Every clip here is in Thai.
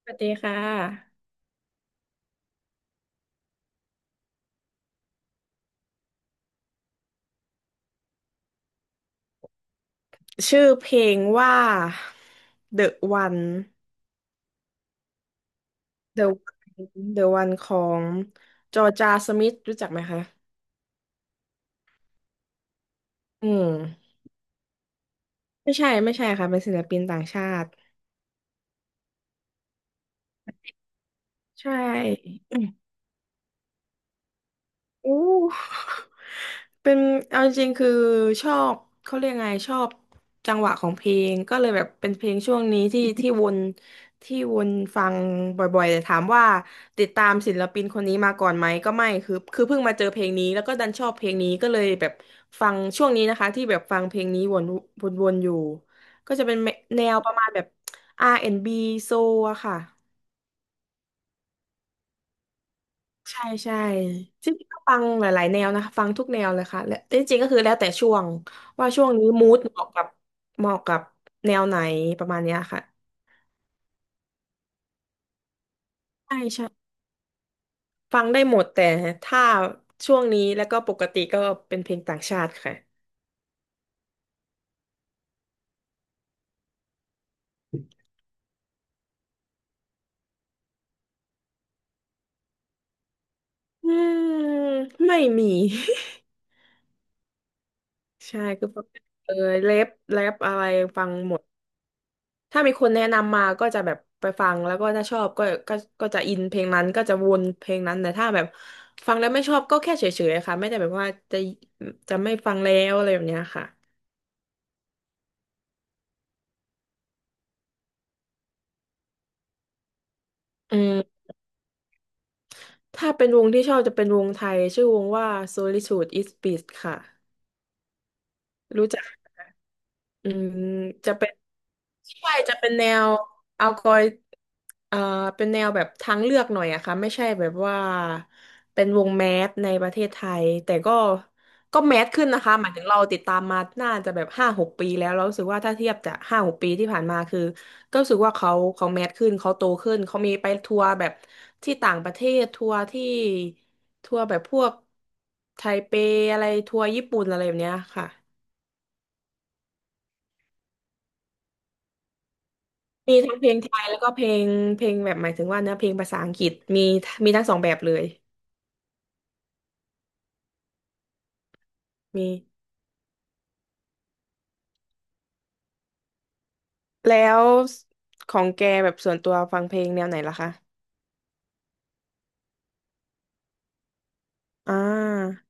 สวัสดีค่ะชื่อเพลงว่า The One The One The One ของจอร์จาสมิธรู้จักไหมคะอืมไม่ใช่ไม่ใช่ค่ะเป็นศิลปินต่างชาติใช่อืมอู้ เป็นเอาจริงๆคือชอบเขาเรียกไงชอบจังหวะของเพลงก็เลยแบบเป็นเพลงช่วงนี้ที่ ที่วนที่วนฟังบ่อยๆแต่ถามว่าติดตามศิลปินคนนี้มาก่อนไหมก็ไม่คือเพิ่งมาเจอเพลงนี้แล้วก็ดันชอบเพลงนี้ก็เลยแบบฟังช่วงนี้นะคะที่แบบฟังเพลงนี้วนวนอยู่ก็จะเป็นแนวประมาณแบบ R&B โซลอะค่ะ ใช่ใช่จริงๆก็ฟังหลายๆแนวนะคะฟังทุกแนวเลยค่ะและจริงๆก็คือแล้วแต่ช่วงว่าช่วงนี้มูดเหมาะกับเหมาะกับแนวไหนประมาณเนี้ยค่ะใช่ใช่ฟังได้หมดแต่ถ้าช่วงนี้แล้วก็ปกติก็เป็นเพลงต่างชาติค่ะอืมไม่มี ใช่คือฟังเออแรปอะไรฟังหมด ถ้ามีคนแนะนำมาก็จะแบบไปฟังแล้วก็ถ้าชอบก็ก็จะอินเพลงนั้นก็จะวนเพลงนั้นแต่ถ้าแบบฟังแล้วไม่ชอบก็แค่เฉยๆค่ะไม่ได้แบบว่าจะจะไม่ฟังแล้วอะไรแบบเนี้ยค่ะอืมถ้าเป็นวงที่ชอบจะเป็นวงไทยชื่อวงว่า Solitude is Bliss ค่ะรู้จัก อืมจะเป็นใช่จะเป็นแนวเอากอยเอ่อเป็นแนวแบบทางเลือกหน่อยอะค่ะไม่ใช่แบบว่าเป็นวงแมสในประเทศไทยแต่ก็ก็แมสขึ้นนะคะหมายถึงเราติดตามมาน่าจะแบบห้าหกปีแล้วเรารู้สึกว่าถ้าเทียบจากห้าหกปีที่ผ่านมาคือก็รู้สึกว่าเขาแมสขึ้นเขาโตขึ้นเขามีไปทัวร์แบบที่ต่างประเทศทัวร์ที่ทัวร์แบบพวกไทเปอะไรทัวร์ญี่ปุ่นอะไรแบบเนี้ยค่ะ มีทั้งเพลงไทยแล้วก็เพลงเพลงแบบหมายถึงว่าเนื้อเพลงภาษาอังกฤษมีมีทั้งสองแบบเลยมีแล้วของแกแบบส่วนตัวฟังเพลงแนวไหนล่ะคะอ่า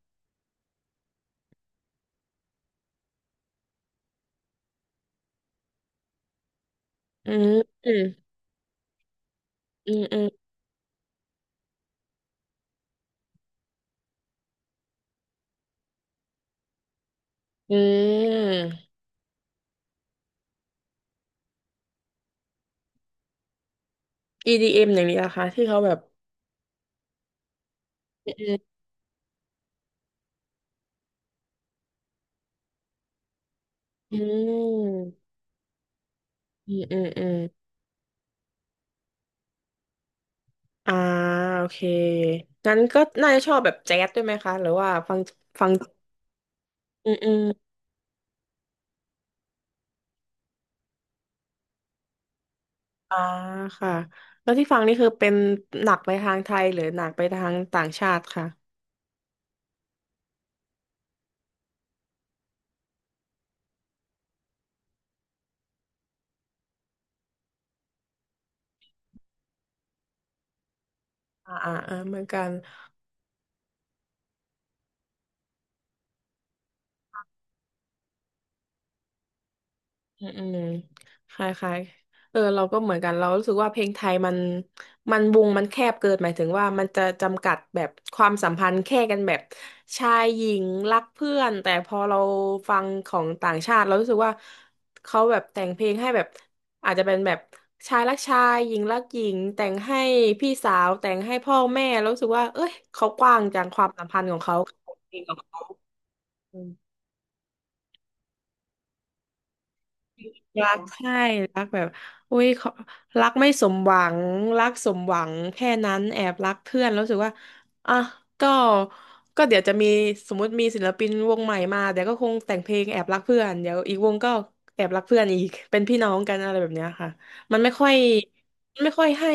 อืมอืมอืมอืมอืม EDM อมอย่างนี้ล่ะคะที่เขาแบบอืมอืมอืมอืมอืมอ่าโอเคงั้นก็น่าจะชอบแบบแจ๊สด้วยไหมคะหรือว่าฟังฟังอืมอืม อ่าค่ะแล้วที่ฟังนี่คือเป็นหนักไปทางไทยหรือหนักไปทางต่างชาติค่ะอ่าอ่าเออเหมือนกัน อืมอืมคล้ายๆเออเราก็เหมือนกันเรารู้สึกว่าเพลงไทยมันมันวงมันแคบเกินหมายถึงว่ามันจะจำกัดแบบความสัมพันธ์แค่กันแบบชายหญิงรักเพื่อนแต่พอเราฟังของต่างชาติเรารู้สึกว่าเขาแบบแต่งเพลงให้แบบอาจจะเป็นแบบชายรักชายหญิงรักหญิงแต่งให้พี่สาวแต่งให้พ่อแม่แล้วรู้สึกว่าเอ้ยเขากว้างจังความสัมพันธ์ของเขา รักใช่รักแบบอุ้ยเขารักไม่สมหวังรักสมหวังแค่นั้นแอบรักเพื่อนแล้วรู้สึกว่าอ่ะก็ก็เดี๋ยวจะมีสมมติมีศิลปินวงใหม่มาเดี๋ยวก็คงแต่งเพลงแอบรักเพื่อนเดี๋ยวอีกวงก็แอบรักเพื่อนอีกเป็นพี่น้องกันอะไรแบบเนี้ยค่ะ มันไม่ค่อยมันไม่ค่อยให้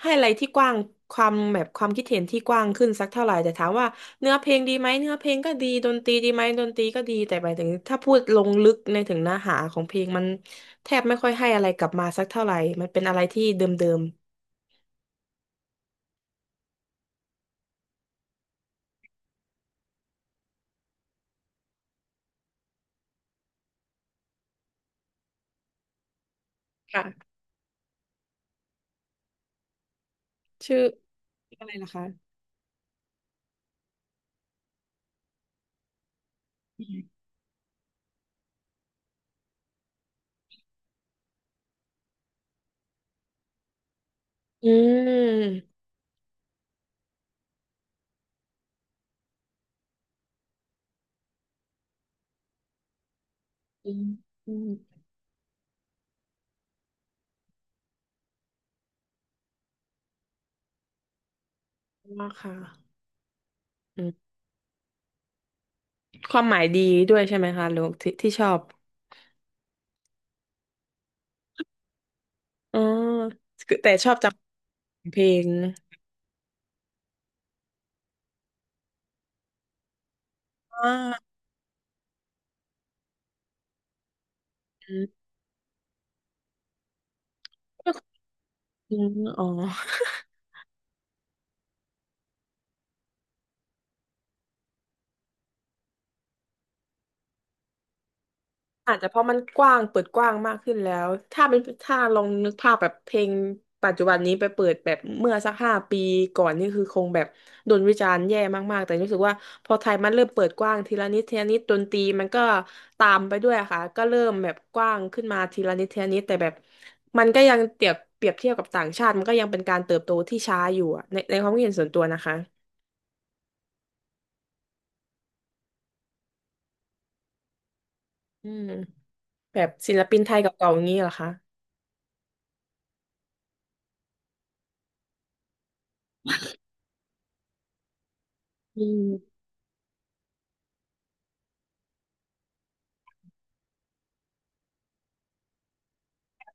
ให้อะไรที่กว้างความแบบความคิดเห็นที่กว้างขึ้นสักเท่าไหร่แต่ถามว่าเนื้อเพลงดีไหมเนื้อเพลงก็ดีดนตรีดีไหมดนตรีก็ดีแต่หมายถึงถ้าพูดลงลึกในถึงเนื้อหาของเพลงมันแทบไม่ค่อยให้อะไรกลับมาสักเท่าไหร่มันเป็นอะไรที่เดิมๆค่ะชื่ออะไรล่ะคะอืมอืมอืมว่าค่ะอืมความหมายดีด้วยใช่ไหมคะลูกอที่ที่ชอบอ๋อคือแต่ชอบจำเพลง อ่า ก็คืออ๋ออาจจะเพราะมันกว้างเปิดกว้างมากขึ้นแล้วถ้าเป็นถ้าลองนึกภาพแบบเพลงปัจจุบันนี้ไปเปิดแบบเมื่อสัก5 ปีก่อนนี่คือคงแบบโดนวิจารณ์แย่มากๆแต่รู้สึกว่าพอไทยมันเริ่มเปิดกว้างทีละนิดทีละนิดดนตรีมันก็ตามไปด้วยค่ะก็เริ่มแบบกว้างขึ้นมาทีละนิดทีละนิดแต่แบบมันก็ยังเปรียบเทียบกับต่างชาติมันก็ยังเป็นการเติบโตที่ช้าอยู่อะในในความคิดเห็นส่วนตัวนะคะอืมแบบศิลปินไทยกับเก่าอย่างนี้เหรอคะ อืม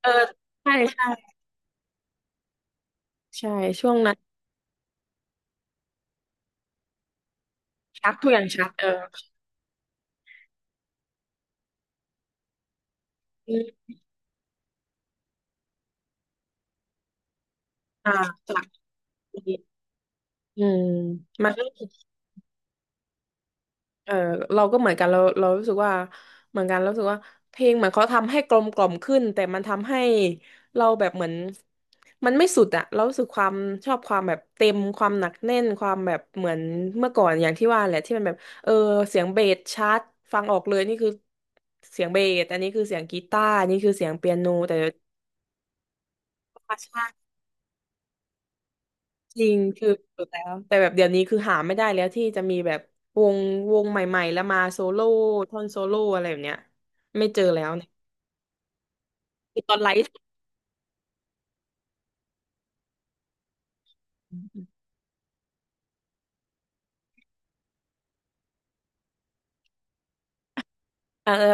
เออใช่ใช่ใช่ช่วงนั้นชัดทุกอย่างชัดเอออืมอ่าจากนี้อืมมันก็เออเราก็เหมือนกันเรารู้สึกว่าเหมือนกันเรารู้สึกว่าเพลงเหมือนเขาทำให้กลมกล่อมขึ้นแต่มันทำให้เราแบบเหมือนมันไม่สุดอะเรารู้สึกความชอบความแบบเต็มความหนักแน่นความแบบเหมือนเมื่อก่อนอย่างที่ว่าแหละที่มันแบบเออเสียงเบสชัดฟังออกเลยนี่คือเสียงเบสอันนี้คือเสียงกีตาร์อันนี่คือเสียงเปียโนแต่ใช่ จริงคือสุดแล้วแต่แบบเดี๋ยวนี้คือหาไม่ได้แล้วที่จะมีแบบวงวงใหม่ๆแล้วมาโซโล่ท่อนโซโล่อะไรแบบเนี้ยไม่เจอแล้วเนี่ยคือตอนไลฟ์ เออ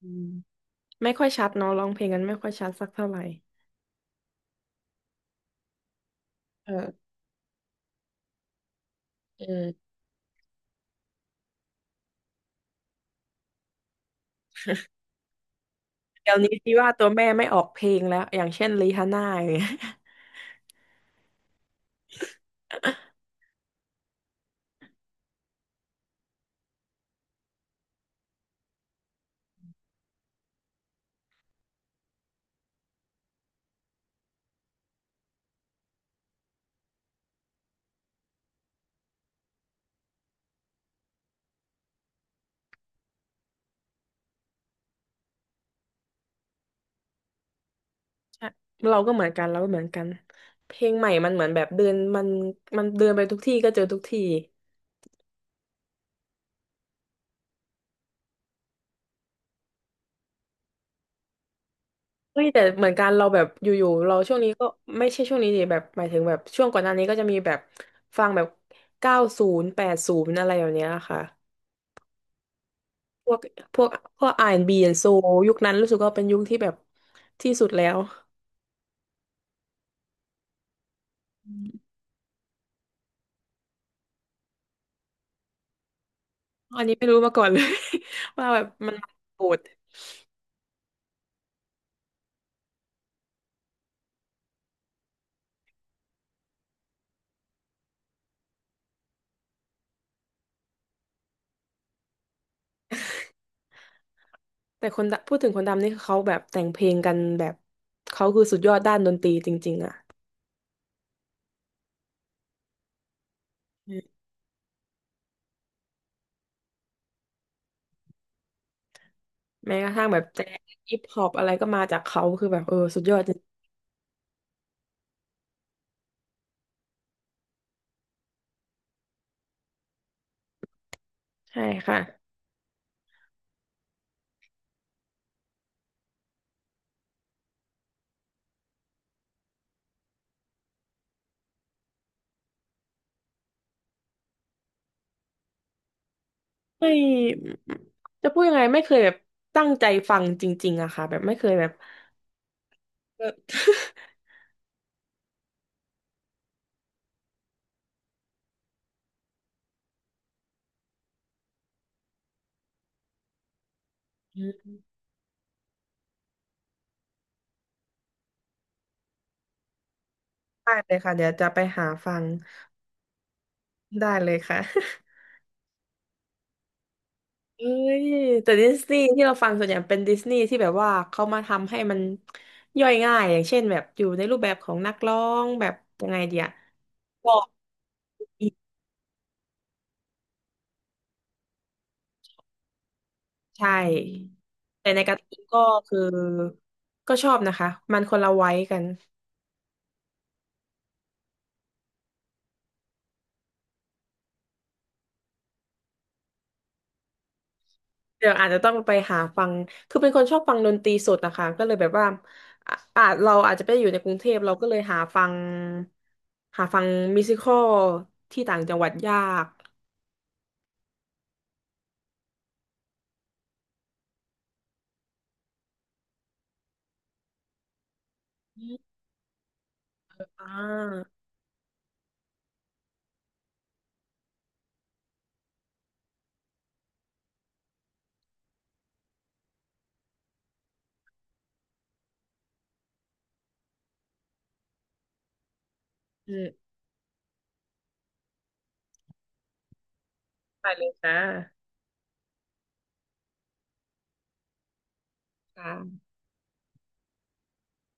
อืมไม่ค่อยชัดเนาะร้องเพลงกันไม่ค่อยชัดสักเท่าไหร่เออเออเดี๋ยวนี้ที่ว่าตัวแม่ไม่ออกเพลงแล้วอย่างเช่นริฮาน่าอย่างเงี้ย ใช่เราก็เหมือนกันเราก็เหมือนกันเพลงใหม่มันเหมือนแบบเดินมันมันเดินไปทุกที่ก็เจอทุกที่ เฮ้ยแต่เหมือนกันเราแบบอยู่ๆเราช่วงนี้ก็ไม่ใช่ช่วงนี้ดิแบบหมายถึงแบบช่วงก่อนหน้านี้ก็จะมีแบบฟังแบบ90 80อะไรอย่างเนี้ยค่ะพวกพวกพวก R&B and Soul ยุคนั้นรู้สึกว่าเป็นยุคที่แบบที่สุดแล้วอันนี้ไม่รู้มาก่อนเลย ว่าแบบมันโหดแต่คนดำพูดถึงคนดำนี่คือเขาแบบแต่งเพลงกันแบบเขาคือสุดยอดด้านดนตรีจริงๆอ่ะอืมแม้กระทั่งแบบแจ๊สฮิปฮอปอะไรก็มาจากเขาคือแบบเออสุดยอดจริงใช่ค่ะ ไม่จะพูดยังไงไม่เคยแบบตั้งใจฟังจริงๆอะค่ะแบบไม่เคยแบบเออ อืมได้เลยค่ะเดี๋ยวจะไปหาฟังได้เลยค่ะ เอ้ยแต่ดิสนีย์ที่เราฟังส่วนใหญ่เป็นดิสนีย์ที่แบบว่าเขามาทำให้มันย่อยง่ายอย่างเช่นแบบอยู่ในรูปแบบของนักร้องแบบยังไงเดียก็อีกใช่แต่ในการ์ตูนก็คือก็ชอบนะคะมันคนละไว้กัน เดี๋ยวอาจจะต้องไปหาฟัง คือเป็นคนชอบฟังดนตรีสดนะคะ ก็เลยแบบว่าอ่ะอาจเราอาจจะไปอยู่ในกรุงเทพเราก็เลยหาฟัง หาฟังมิวสิคอลที่ต่างจังหวัดยากอ่าอืมไปเลยจ้าค่ะ